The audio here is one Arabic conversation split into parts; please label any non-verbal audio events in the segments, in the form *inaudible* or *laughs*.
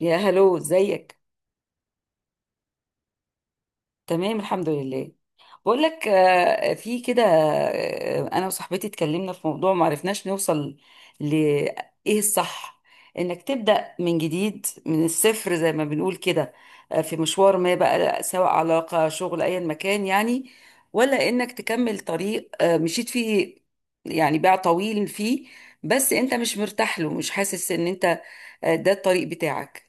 يا هلو، ازيك؟ تمام، الحمد لله. بقول لك، في كده، انا وصاحبتي اتكلمنا في موضوع ما عرفناش نوصل ل ايه الصح؟ انك تبدأ من جديد من الصفر زي ما بنقول كده. في مشوار ما بقى سواء علاقة شغل ايا مكان يعني، ولا انك تكمل طريق مشيت فيه، يعني باع طويل فيه، بس انت مش مرتاح له، مش حاسس ان انت ده الطريق بتاعك.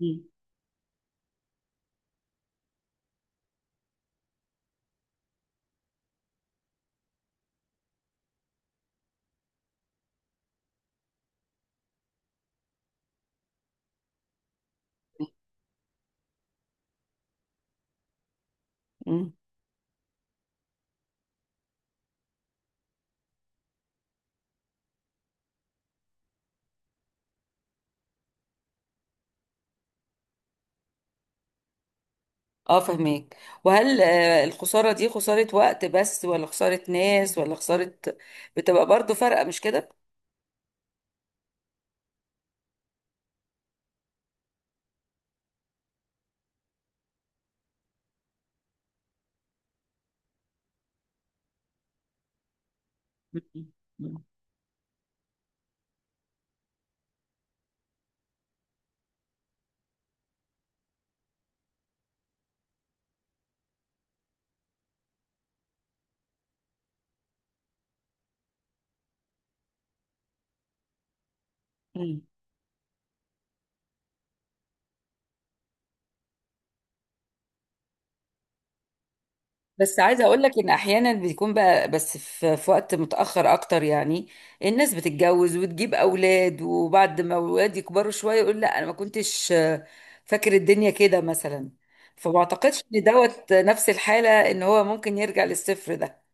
مم. مم. اه، فهميك. وهل الخسارة دي خسارة وقت بس، ولا خسارة ناس، ولا خسارة بتبقى برضو فرقة، مش كده؟ مم. مم. بس عايزة اقول لك ان احيانا بيكون بقى، بس في وقت متأخر اكتر يعني، الناس بتتجوز وتجيب اولاد، وبعد ما اولاد يكبروا شوية يقول لا انا ما كنتش فاكر الدنيا كده مثلا. فما اعتقدش ان دوت نفس الحالة، ان هو ممكن يرجع للصفر ده.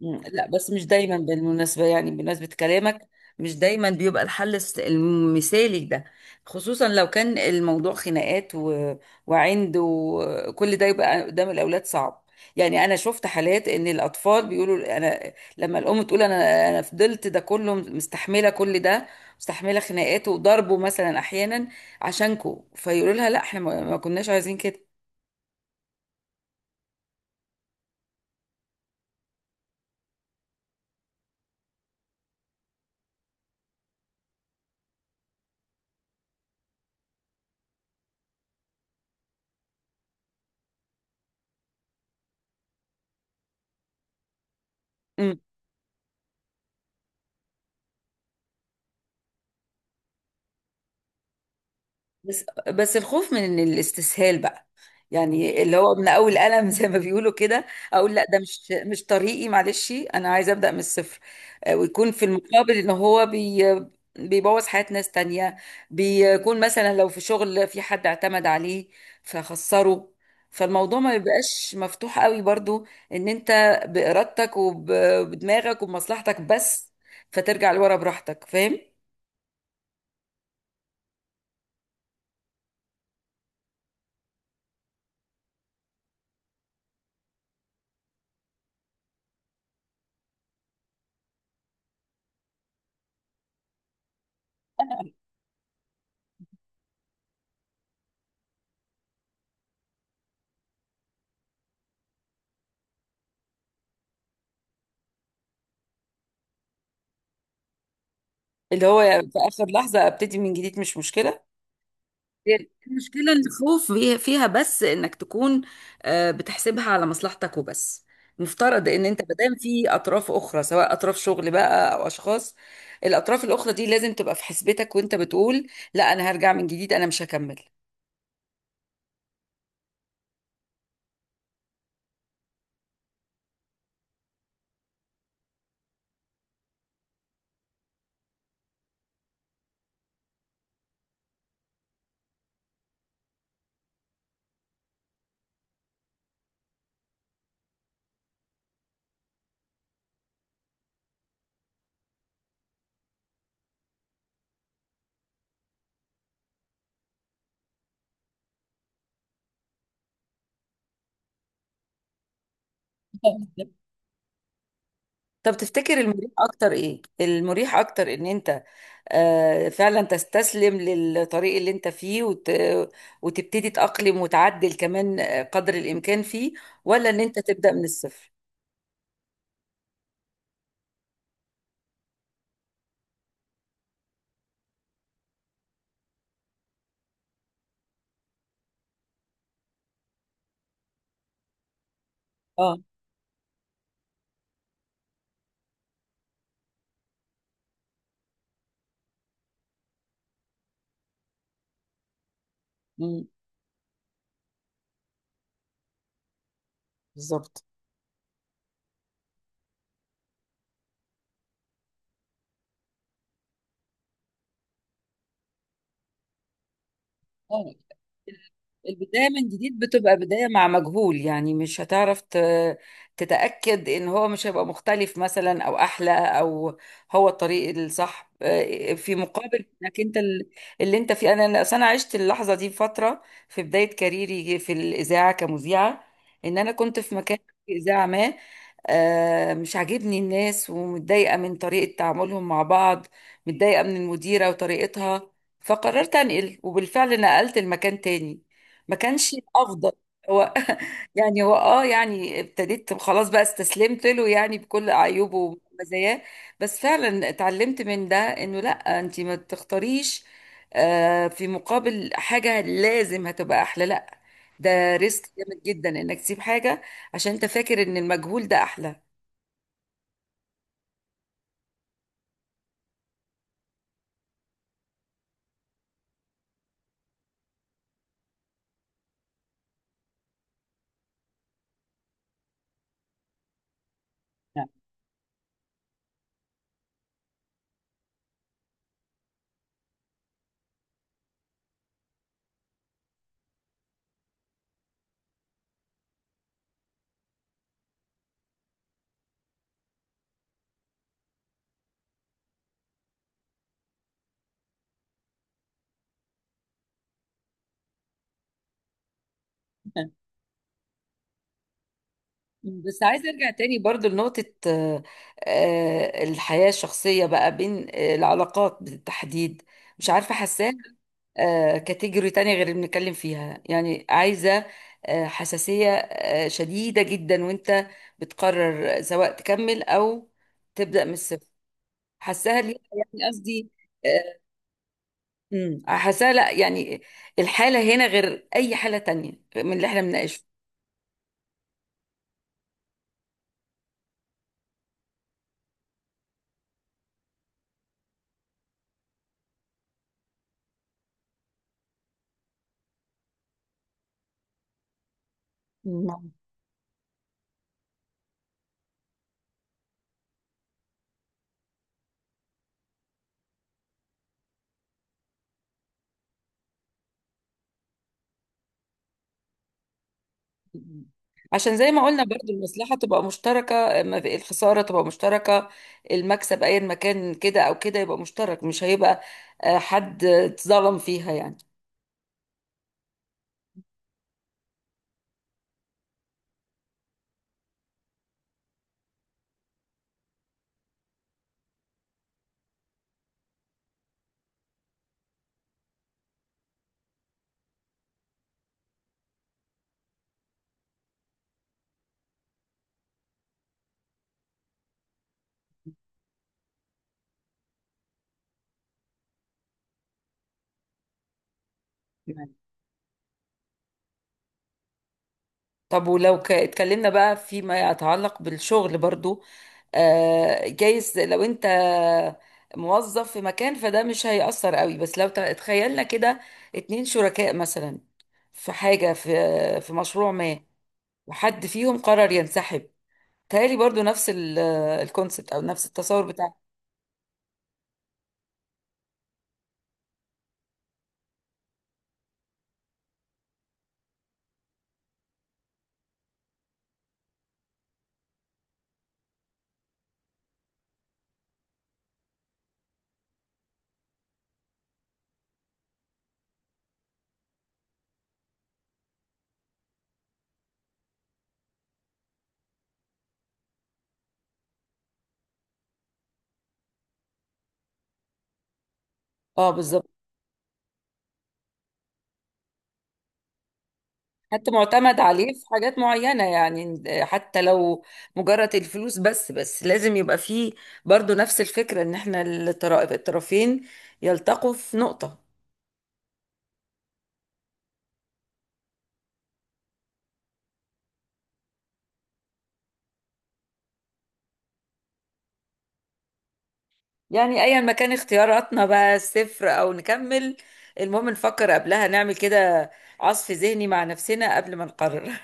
مم. لا، بس مش دايما بالمناسبة، يعني بمناسبة كلامك، مش دايما بيبقى الحل المثالي ده، خصوصا لو كان الموضوع خناقات وعند، وكل ده يبقى قدام الأولاد صعب. يعني أنا شفت حالات إن الأطفال بيقولوا أنا لما الأم تقول أنا فضلت ده كله، مستحملة كل ده، مستحملة خناقات وضربه مثلا أحيانا عشانكو، فيقولوا لها لا، إحنا ما كناش عايزين كده. بس الخوف من إن الاستسهال بقى، يعني اللي هو من اول قلم زي ما بيقولوا كده، اقول لا ده مش طريقي، معلش انا عايزه ابدا من الصفر. ويكون في المقابل ان هو بيبوظ حياة ناس تانية، بيكون مثلا لو في شغل في حد اعتمد عليه فخسره، فالموضوع ما بيبقاش مفتوح قوي برضو، ان انت بارادتك وبدماغك وبمصلحتك بس فترجع لورا براحتك، فاهم؟ اللي هو في اخر لحظة ابتدي من جديد، مش مشكلة. هي المشكلة الخوف فيها، بس انك تكون بتحسبها على مصلحتك وبس. مفترض ان انت مادام في اطراف اخرى سواء اطراف شغل بقى او اشخاص، الاطراف الاخرى دي لازم تبقى في حسبتك وانت بتقول لا انا هرجع من جديد، انا مش هكمل. *laughs* طب طب تفتكر المريح اكتر ايه؟ المريح اكتر ان انت فعلا تستسلم للطريق اللي انت فيه وتبتدي تأقلم وتعدل كمان قدر الامكان فيه، ولا ان انت تبدأ من الصفر؟ اه. مم. بالظبط، اه. البداية من جديد بتبقى بداية مع مجهول، يعني مش هتعرف تتأكد إن هو مش هيبقى مختلف مثلا، أو أحلى، أو هو الطريق الصح، في مقابل إنك أنت اللي أنت فيه. أنا أصل أنا عشت اللحظة دي فترة، في بداية كاريري في الإذاعة كمذيعة، إن أنا كنت في مكان، في إذاعة ما، مش عاجبني الناس ومتضايقة من طريقة تعاملهم مع بعض، متضايقة من المديرة وطريقتها، فقررت أنقل، وبالفعل نقلت المكان تاني. ما كانش الافضل. هو *laughs* يعني هو يعني ابتديت خلاص بقى، استسلمت له يعني بكل عيوبه ومزاياه. بس فعلا اتعلمت من ده انه لا، انت ما تختاريش في مقابل حاجة لازم هتبقى احلى، لا، ده ريسك جامد جدا انك تسيب حاجة عشان انت فاكر ان المجهول ده احلى. *laughs* نعم. بس عايزة ارجع تاني برضو لنقطة، الحياة الشخصية بقى، بين العلاقات بالتحديد، مش عارفة، حاساها كاتيجوري تانية غير اللي بنتكلم فيها، يعني عايزة حساسية شديدة جدا وانت بتقرر سواء تكمل او تبدأ من الصفر. حاساها ليه، يعني قصدي آه، حاساها لا، يعني الحالة هنا غير اي حالة تانية من اللي احنا بنناقشه. مم. عشان زي ما قلنا برضو المصلحة تبقى مشتركة، ما في- الخسارة تبقى مشتركة، المكسب ايا ما كان كده او كده يبقى مشترك، مش هيبقى حد اتظلم فيها يعني. طب، ولو اتكلمنا بقى فيما يتعلق بالشغل برضو، جايز لو انت موظف في مكان فده مش هيأثر قوي، بس لو تخيلنا كده اتنين شركاء مثلا في حاجة، في مشروع ما، وحد فيهم قرر ينسحب، تهيألي برضو نفس الكونسبت او نفس التصور بتاع. اه، بالظبط. حتى معتمد عليه في حاجات معينة، يعني حتى لو مجرد الفلوس بس لازم يبقى فيه برضو نفس الفكرة، ان احنا الطرفين يلتقوا في نقطة. يعني ايا ما كان اختياراتنا بقى، صفر او نكمل، المهم نفكر قبلها، نعمل كده عصف ذهني مع نفسنا قبل ما نقرر.